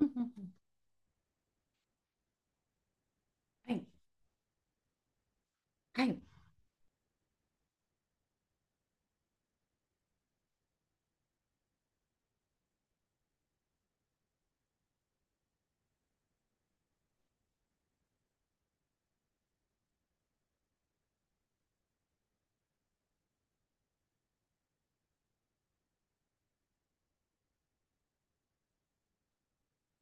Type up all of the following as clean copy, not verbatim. うんうんうん。はい。はい。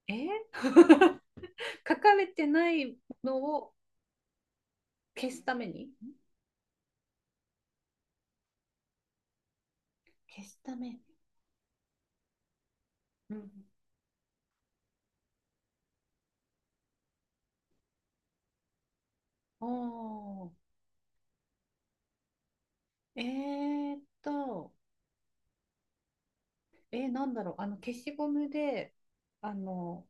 えー。 書かれてないのを消すために。消すため。うん。おー。えーっと、なんだろう、消しゴムで、あの、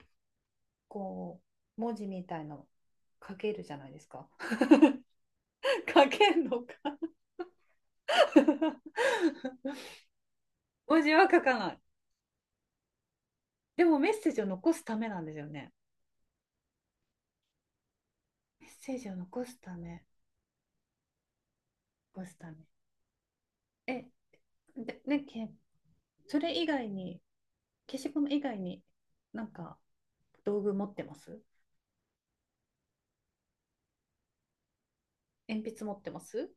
こう、文字みたいの書けるじゃないですか。書けんのか。 文字は書かない。でもメッセージを残すためなんですよね。メッセージを残すため、残すため。え、で、ね、け、それ以外に、消しゴム以外になんか道具持ってます？鉛筆持ってます？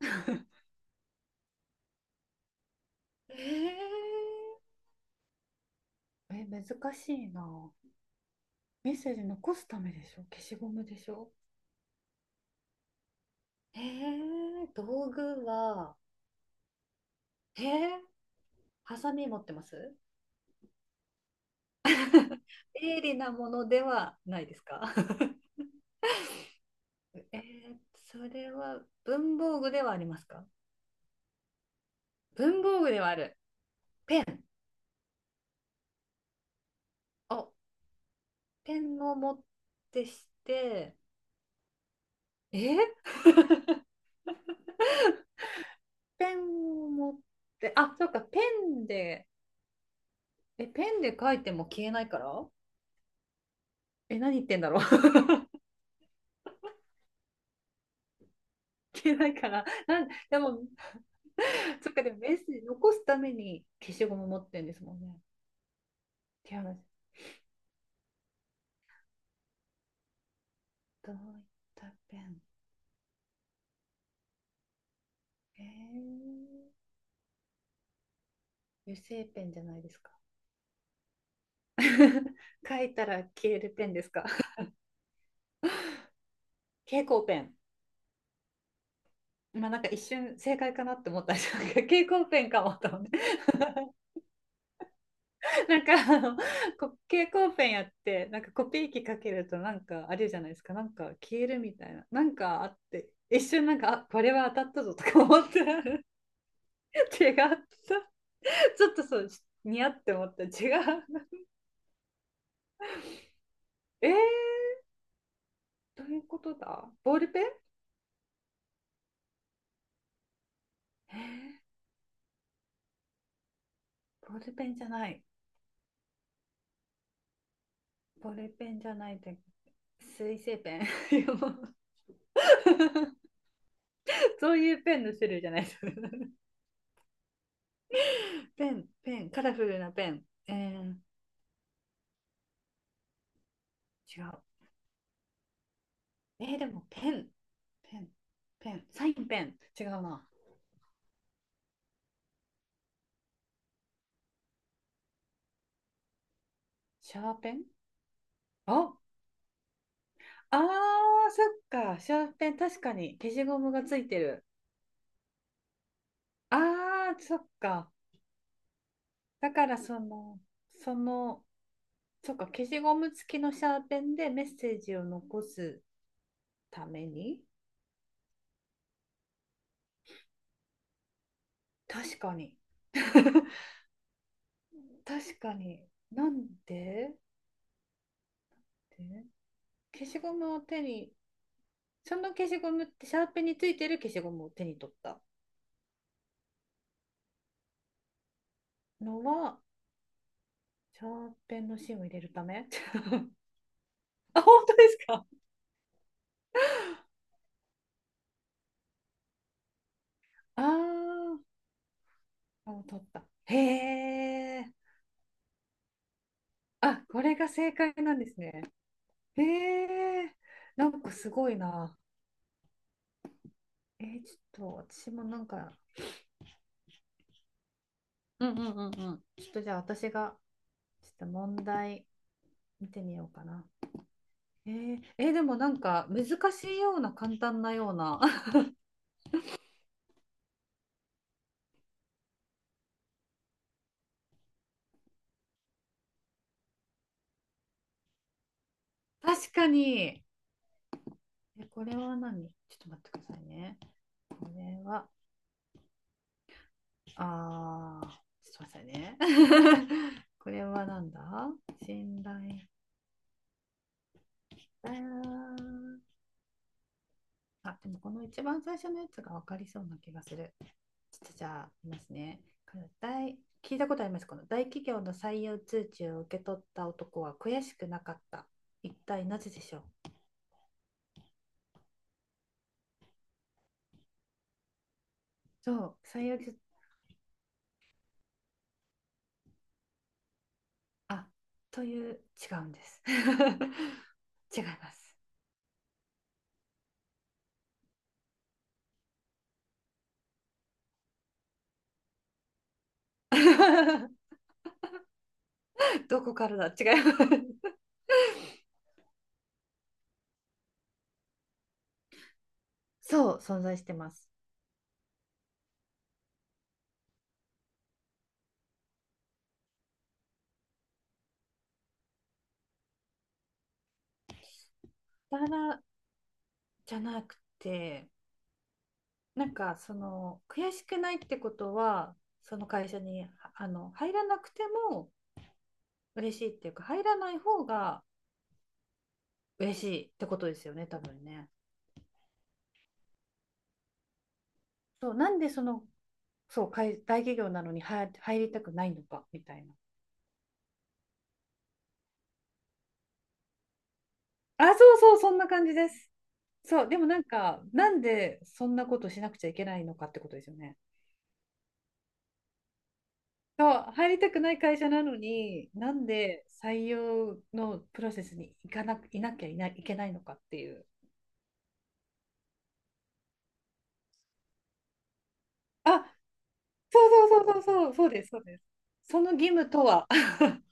えー。え、難しいな。メッセージ残すためでしょ？消しゴムでしょ？えー、道具は、えー、ハサミ持ってます？鋭利なものではないですか？ えー、それは文房具ではありますか？文房具ではある。ペン。お、ペンを持ってして、えー、ペンを持って、あ、そうか、ペンで、え、ペンで書いても消えないから、え、何言ってんだろう。 消えないから。なん、でも、そっか、でもメッセージ残すために消しゴム持ってんですもんね。手話、どういったペン？えー、油性ペンじゃないですか？書いたら消えるペンですか？蛍光ペン。まあなんか一瞬正解かなって思ったんですけど、蛍光ペンかもと思って。なんか蛍光ペンやってなんかコピー機かけるとなんかあれじゃないですか、なんか消えるみたいななんかあって、一瞬なんかあこれは当たったぞとか思って、 違ったち、ょっとそう似合って思った違う。 えー、どういうことだ？ボールペン？えー、ボールペンじゃない？ボールペンじゃないって水性ペン？ そういうペンの種類じゃないです。 ペン、カラフルなペン？えー、違う。えーでもペン、ペン、ペン、サインペン、違うな。シャーペン？あ、あー、そっか、シャーペン、確かに消しゴムがついてる。あー、そっか。だからその、その、そっか、消しゴム付きのシャーペンでメッセージを残すために。確かに。確かに。なんでで消しゴムを手に、その消しゴムって、シャーペンについてる消しゴムを手に取ったのは、長編の芯を入れるため。 あ、本当ですか？あ、あ、もう取った。へえ。あ、これが正解なんですね。へえ。なんかすごいな。えーちょっと私もなんか、うんうんうんうん。ちょっとじゃあ私が、ちょっと問題見てみようかな。えー、えーでもなんか難しいような簡単なような。確かに。え、これは何？ちょっと待ってくださいね。これは。ああ、すみませんね。これはなんだ？信頼。ああ、でもこの一番最初のやつが分かりそうな気がする。ちょっとじゃあ、いますね。大聞いたことあります？この大企業の採用通知を受け取った男は悔しくなかった。一体なぜでしょう？そう、採用通、あ、という、違うんです。違います。どこからだ？違います。そう、存在してます。ただからじゃなくて、なんかその悔しくないってことは、その会社にあの入らなくても嬉しいっていうか、入らない方が嬉しいってことですよね、多分ね。そう、なんでその、そう、い大企業なのに入入りたくないのかみたいな。あ、そうそう、そんな感じです。そう、でもなんか、なんでそんなことしなくちゃいけないのかってことですよね。そう、入りたくない会社なのに、なんで採用のプロセスに行かな、いなきゃいない、いけないのかっていう。あ、そうそうそうそうそう、そうです、そうです。その義務とは。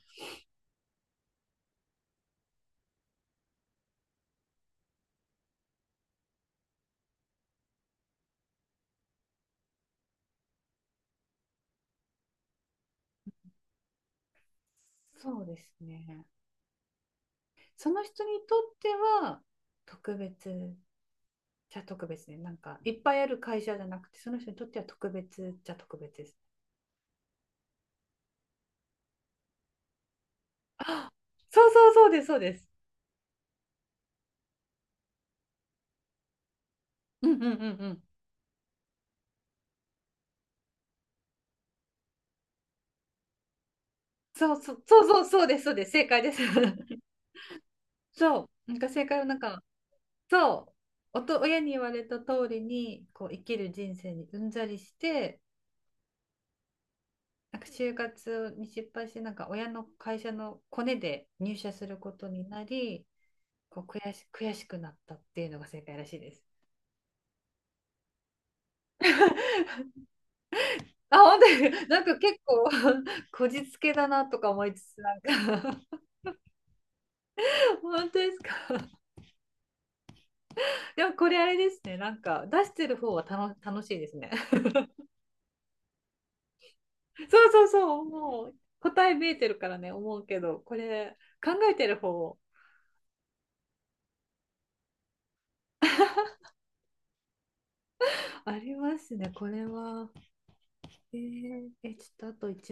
そうですね。その人にとっては特別じゃ特別ね。なんかいっぱいある会社じゃなくて、その人にとっては特別じゃ特別です。あ、そうそうそうです、そうです。うんうんうんうん。そうそうそうそうそうです、そうです。正解です。そう。なんか正解をなんか、そう、おと、親に言われた通りにこう生きる人生にうんざりして、なんか就活に失敗して、なんか親の会社のコネで入社することになり、こう悔し、悔しくなったっていうのが正解らしいです。あ、本当に、なんか結構 こじつけだなとか思いつつ、なんか。 本当ですか？ でもこれあれですね、なんか出してる方は楽、楽しいですね。そうそうそう、もう答え見えてるからね、思うけど、これ考えてる方。ありますね、これは。えーえ、ちょっとあと一、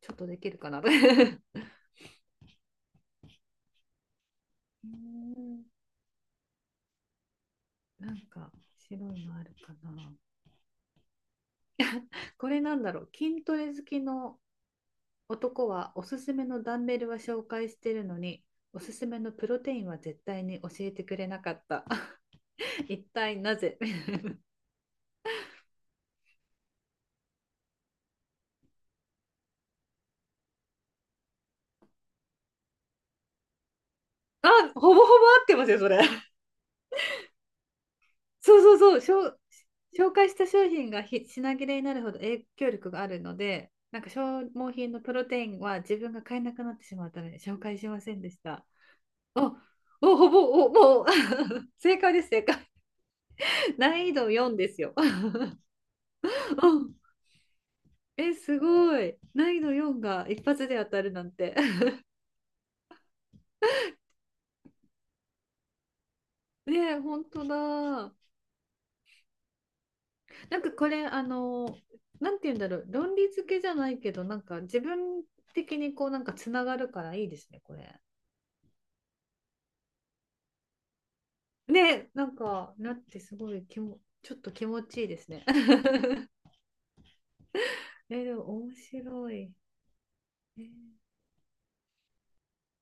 ちょっとできるかな。うーん、なんか白いのあるかな。これなんだろう、筋トレ好きの男はおすすめのダンベルは紹介してるのに、おすすめのプロテインは絶対に教えてくれなかった。一体なぜ？ あ、ほぼほぼ合ってますよ、それ。そうそうそう、紹紹介した商品がひ品切れになるほど影響力があるので、なんか消耗品のプロテインは自分が買えなくなってしまうために紹介しませんでした。お、お、ほぼ、お、もう 正解です、正解。難易度4ですよ。うん。え、すごい。難易度4が一発で当たるなんて。ねえ、本当だ。なんかこれ、あの、なんて言うんだろう、論理付けじゃないけど、なんか自分的にこう、なんかつながるからいいですね、これ。ね、なんか、なってすごい気も、ちょっと気持ちいいですね。え、でも面白い。えー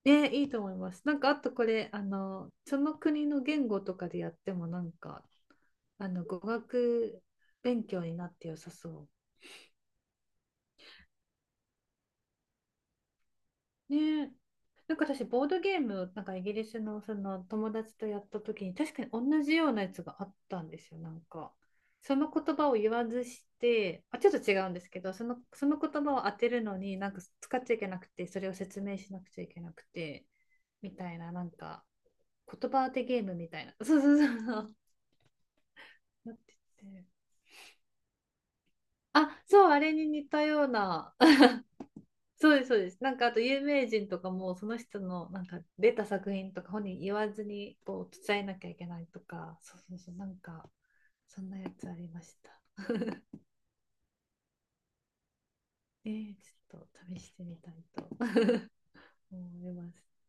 ね、いいと思います。なんか、あとこれ、あの、その国の言語とかでやっても、なんか、あの、語学勉強になって良さそう。ねえ。なんか私、ボードゲーム、なんかイギリスのその友達とやった時に、確かに同じようなやつがあったんですよ、なんか。その言葉を言わずして、あ、ちょっと違うんですけど、その、その言葉を当てるのに、なんか使っちゃいけなくて、それを説明しなくちゃいけなくて、みたいな、なんか、言葉当てゲームみたいな。そうそうそうそう。なってて。あ、そう、あれに似たような、そうです、そうです。なんかあと有名人とかもその人のなんか出た作品とか本人言わずにこう伝えなきゃいけないとか、そうそうそう、なんかそんなやつありました。えー、ちょっと試してみたいと思います。